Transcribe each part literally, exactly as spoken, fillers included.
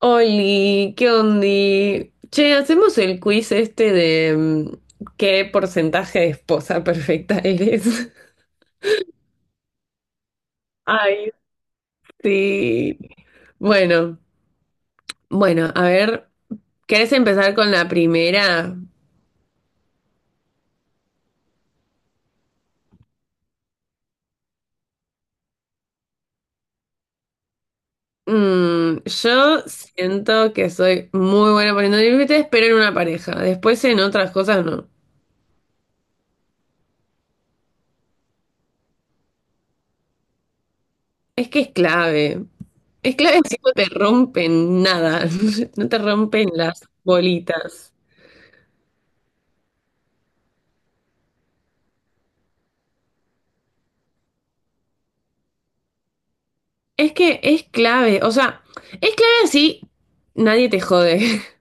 Oli, ¿qué ondi? Che, hacemos el quiz este de mm, qué porcentaje de esposa perfecta eres. Ay, sí. Bueno, bueno, a ver, ¿querés empezar con la primera? Mm, yo siento que soy muy buena poniendo límites, pero en una pareja. Después en otras cosas no. Es que es clave. Es clave si no te rompen nada, no te rompen las bolitas. Es que es clave, o sea, es clave así, nadie te jode.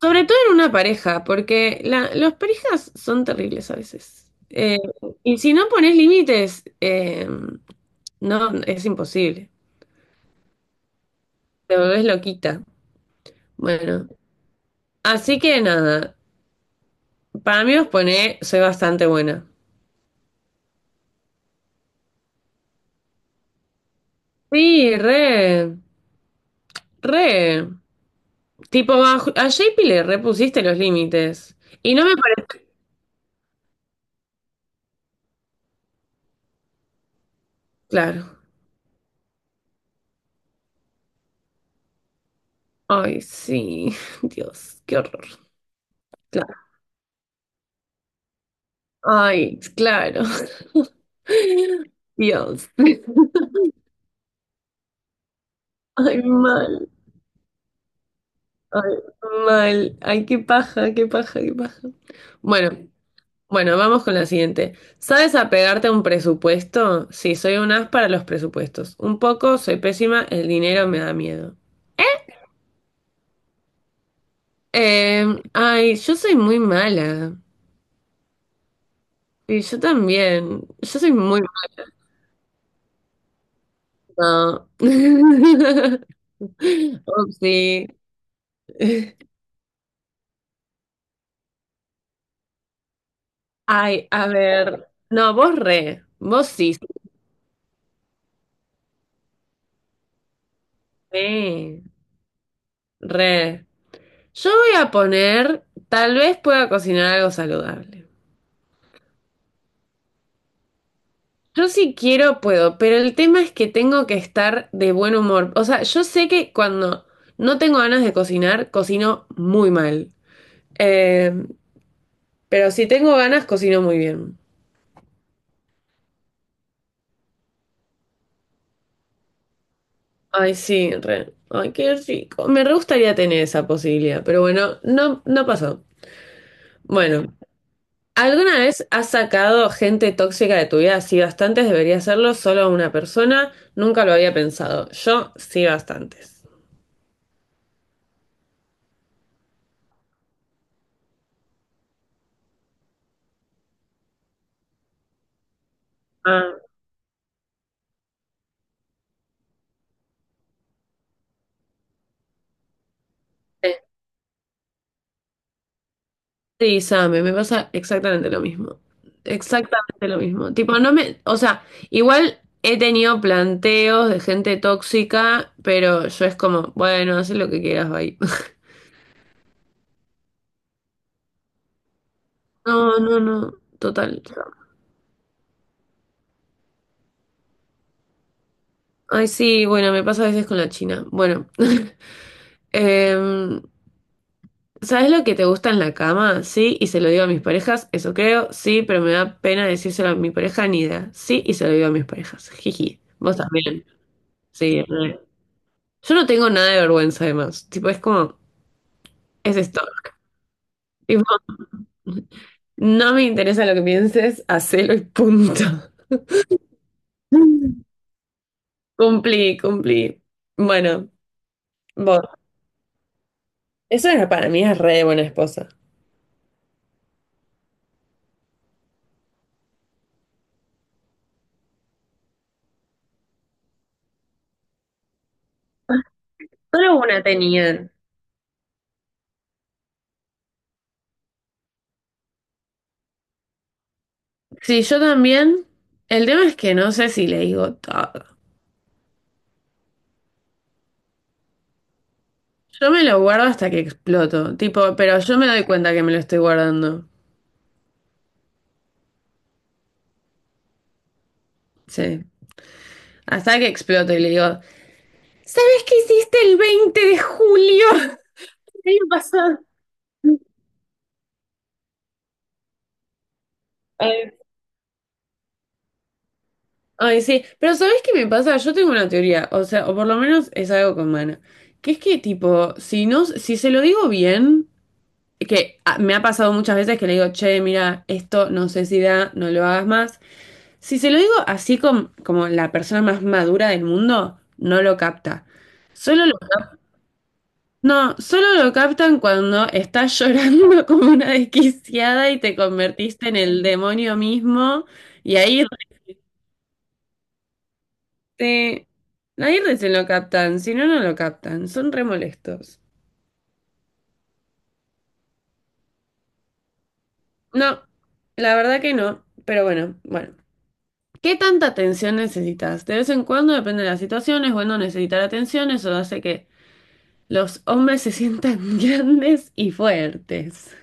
Sobre todo en una pareja, porque la, las parejas son terribles a veces. Eh, y si no pones límites, eh, no, es imposible. Te volvés loquita. Bueno, así que nada, para mí os pone, soy bastante buena. Sí, re, re. Tipo, a, a J P le repusiste los límites. Y no me parece claro. Ay, sí, Dios, qué horror. Claro. Ay, claro. Dios. Ay, mal. Ay, mal. Ay, qué paja, qué paja, qué paja. Bueno, bueno, vamos con la siguiente. ¿Sabes apegarte a un presupuesto? Sí, soy un as para los presupuestos. Un poco, soy pésima, el dinero me da miedo. Eh, ay, yo soy muy mala. Y yo también. Yo soy muy mala. Upsi. Ay, a ver. No, vos re. Vos sí, sí, re. Yo voy a poner, tal vez pueda cocinar algo saludable. Yo si quiero puedo, pero el tema es que tengo que estar de buen humor. O sea, yo sé que cuando no tengo ganas de cocinar, cocino muy mal. Eh, pero si tengo ganas, cocino muy bien. Ay, sí, re. Ay, qué rico. Me re gustaría tener esa posibilidad, pero bueno, no, no pasó. Bueno. ¿Alguna vez has sacado gente tóxica de tu vida? Sí, bastantes, debería hacerlo solo una persona. Nunca lo había pensado. Yo sí, bastantes. Ah, sí. Sí, Same, me pasa exactamente lo mismo. Exactamente lo mismo. Tipo, no me, o sea, igual he tenido planteos de gente tóxica, pero yo es como, bueno, haz lo que quieras, bye. No, no, no, total. Ay, sí, bueno, me pasa a veces con la China. Bueno, Em, ¿sabes lo que te gusta en la cama? Sí, y se lo digo a mis parejas, eso creo, sí, pero me da pena decírselo a mi pareja ni idea. Sí, y se lo digo a mis parejas. Jiji. Vos también. Sí, re. Yo no tengo nada de vergüenza además. Tipo, es como, es esto. Tipo, no me interesa lo que pienses, hacelo y punto. Cumplí, cumplí. Bueno, vos. Eso era para mí es re buena esposa. Solo una tenían. Sí, yo también. El tema es que no sé si le digo todo. Yo me lo guardo hasta que exploto, tipo, pero yo me doy cuenta que me lo estoy guardando. Sí. Hasta que exploto y le digo, ¿sabes qué hiciste el veinte de julio del año pasado? Ay, ay, sí, pero ¿sabes qué me pasa? Yo tengo una teoría, o sea, o por lo menos es algo con Mana, que es que tipo, si no, si se lo digo bien, que ah, me ha pasado muchas veces que le digo, che, mira, esto no sé si da, no lo hagas más. Si se lo digo así com- como la persona más madura del mundo, no lo capta. Solo lo, no, solo lo captan cuando estás llorando como una desquiciada y te convertiste en el demonio mismo. Y ahí rete- ahí recién lo captan, si no, no lo captan. Son re molestos. No, la verdad que no. Pero bueno, bueno. ¿Qué tanta atención necesitas? De vez en cuando, depende de las situaciones, bueno, necesitar atención, eso hace que los hombres se sientan grandes y fuertes.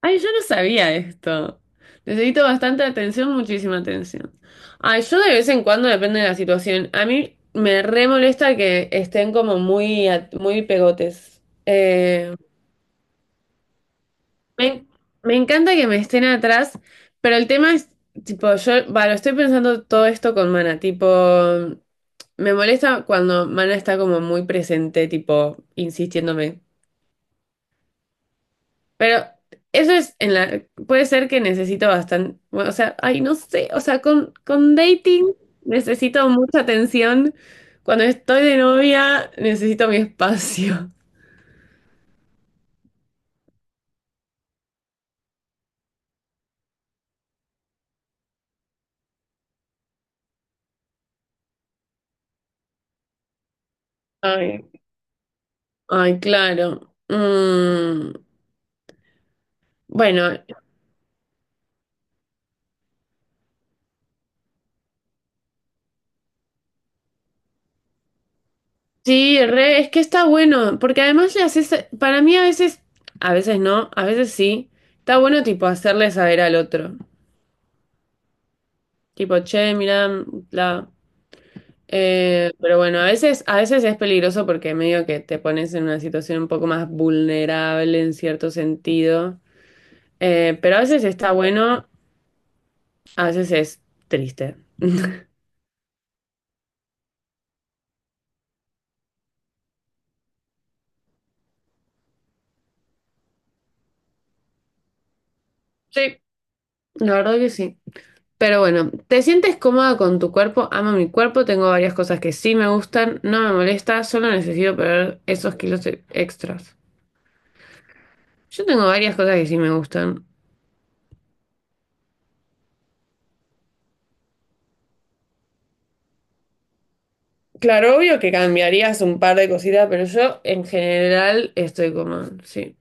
Ay, yo no sabía esto. Necesito bastante atención, muchísima atención. Ay, yo de vez en cuando depende de la situación. A mí me re molesta que estén como muy, a- muy pegotes. Eh, me, me encanta que me estén atrás, pero el tema es, tipo, yo, bueno, estoy pensando todo esto con Mana, tipo, me molesta cuando Mana está como muy presente, tipo, insistiéndome. Pero eso es en la, puede ser que necesito bastante, o sea, ay, no sé, o sea, con, con dating necesito mucha atención. Cuando estoy de novia necesito mi espacio. Ay, ay, claro. Mm, bueno, sí, re, es que está bueno, porque además le haces, para mí a veces, a veces no, a veces sí, está bueno tipo hacerle saber al otro. Tipo, che, mira, Eh, pero bueno, a veces, a veces es peligroso porque medio que te pones en una situación un poco más vulnerable en cierto sentido. Eh, pero a veces está bueno, a veces es triste. Sí, la verdad que sí. Pero bueno, ¿te sientes cómoda con tu cuerpo? Amo mi cuerpo, tengo varias cosas que sí me gustan, no me molesta, solo necesito perder esos kilos e- extras. Yo tengo varias cosas que sí me gustan. Claro, obvio que cambiarías un par de cositas, pero yo en general estoy como, sí.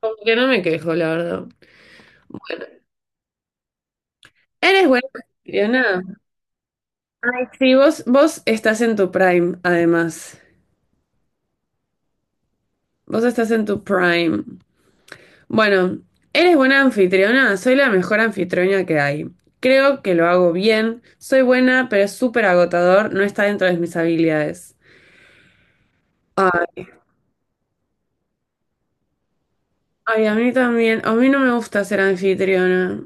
Porque no me quejo, la verdad. Eres buena nada. Ay, sí, vos, vos estás en tu prime, además. Vos estás en tu prime. Bueno, eres buena anfitriona. Soy la mejor anfitriona que hay. Creo que lo hago bien. Soy buena, pero es súper agotador. No está dentro de mis habilidades. Ay, ay, a mí también. A mí no me gusta ser anfitriona.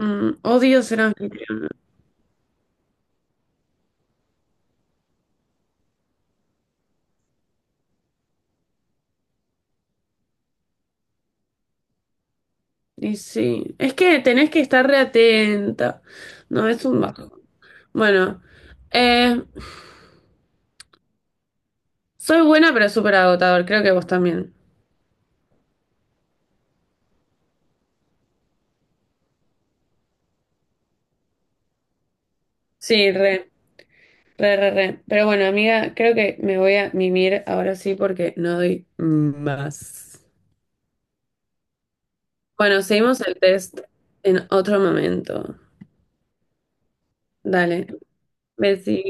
Mm, odio ser anfitriona. Y sí. Es que tenés que estar re atenta. No, es un bajo. Bueno, eh, soy buena pero súper agotador, creo que vos también. Sí, re, re, re, re. Pero bueno, amiga, creo que me voy a mimir ahora sí porque no doy más. Bueno, seguimos el test en otro momento. Dale, besí.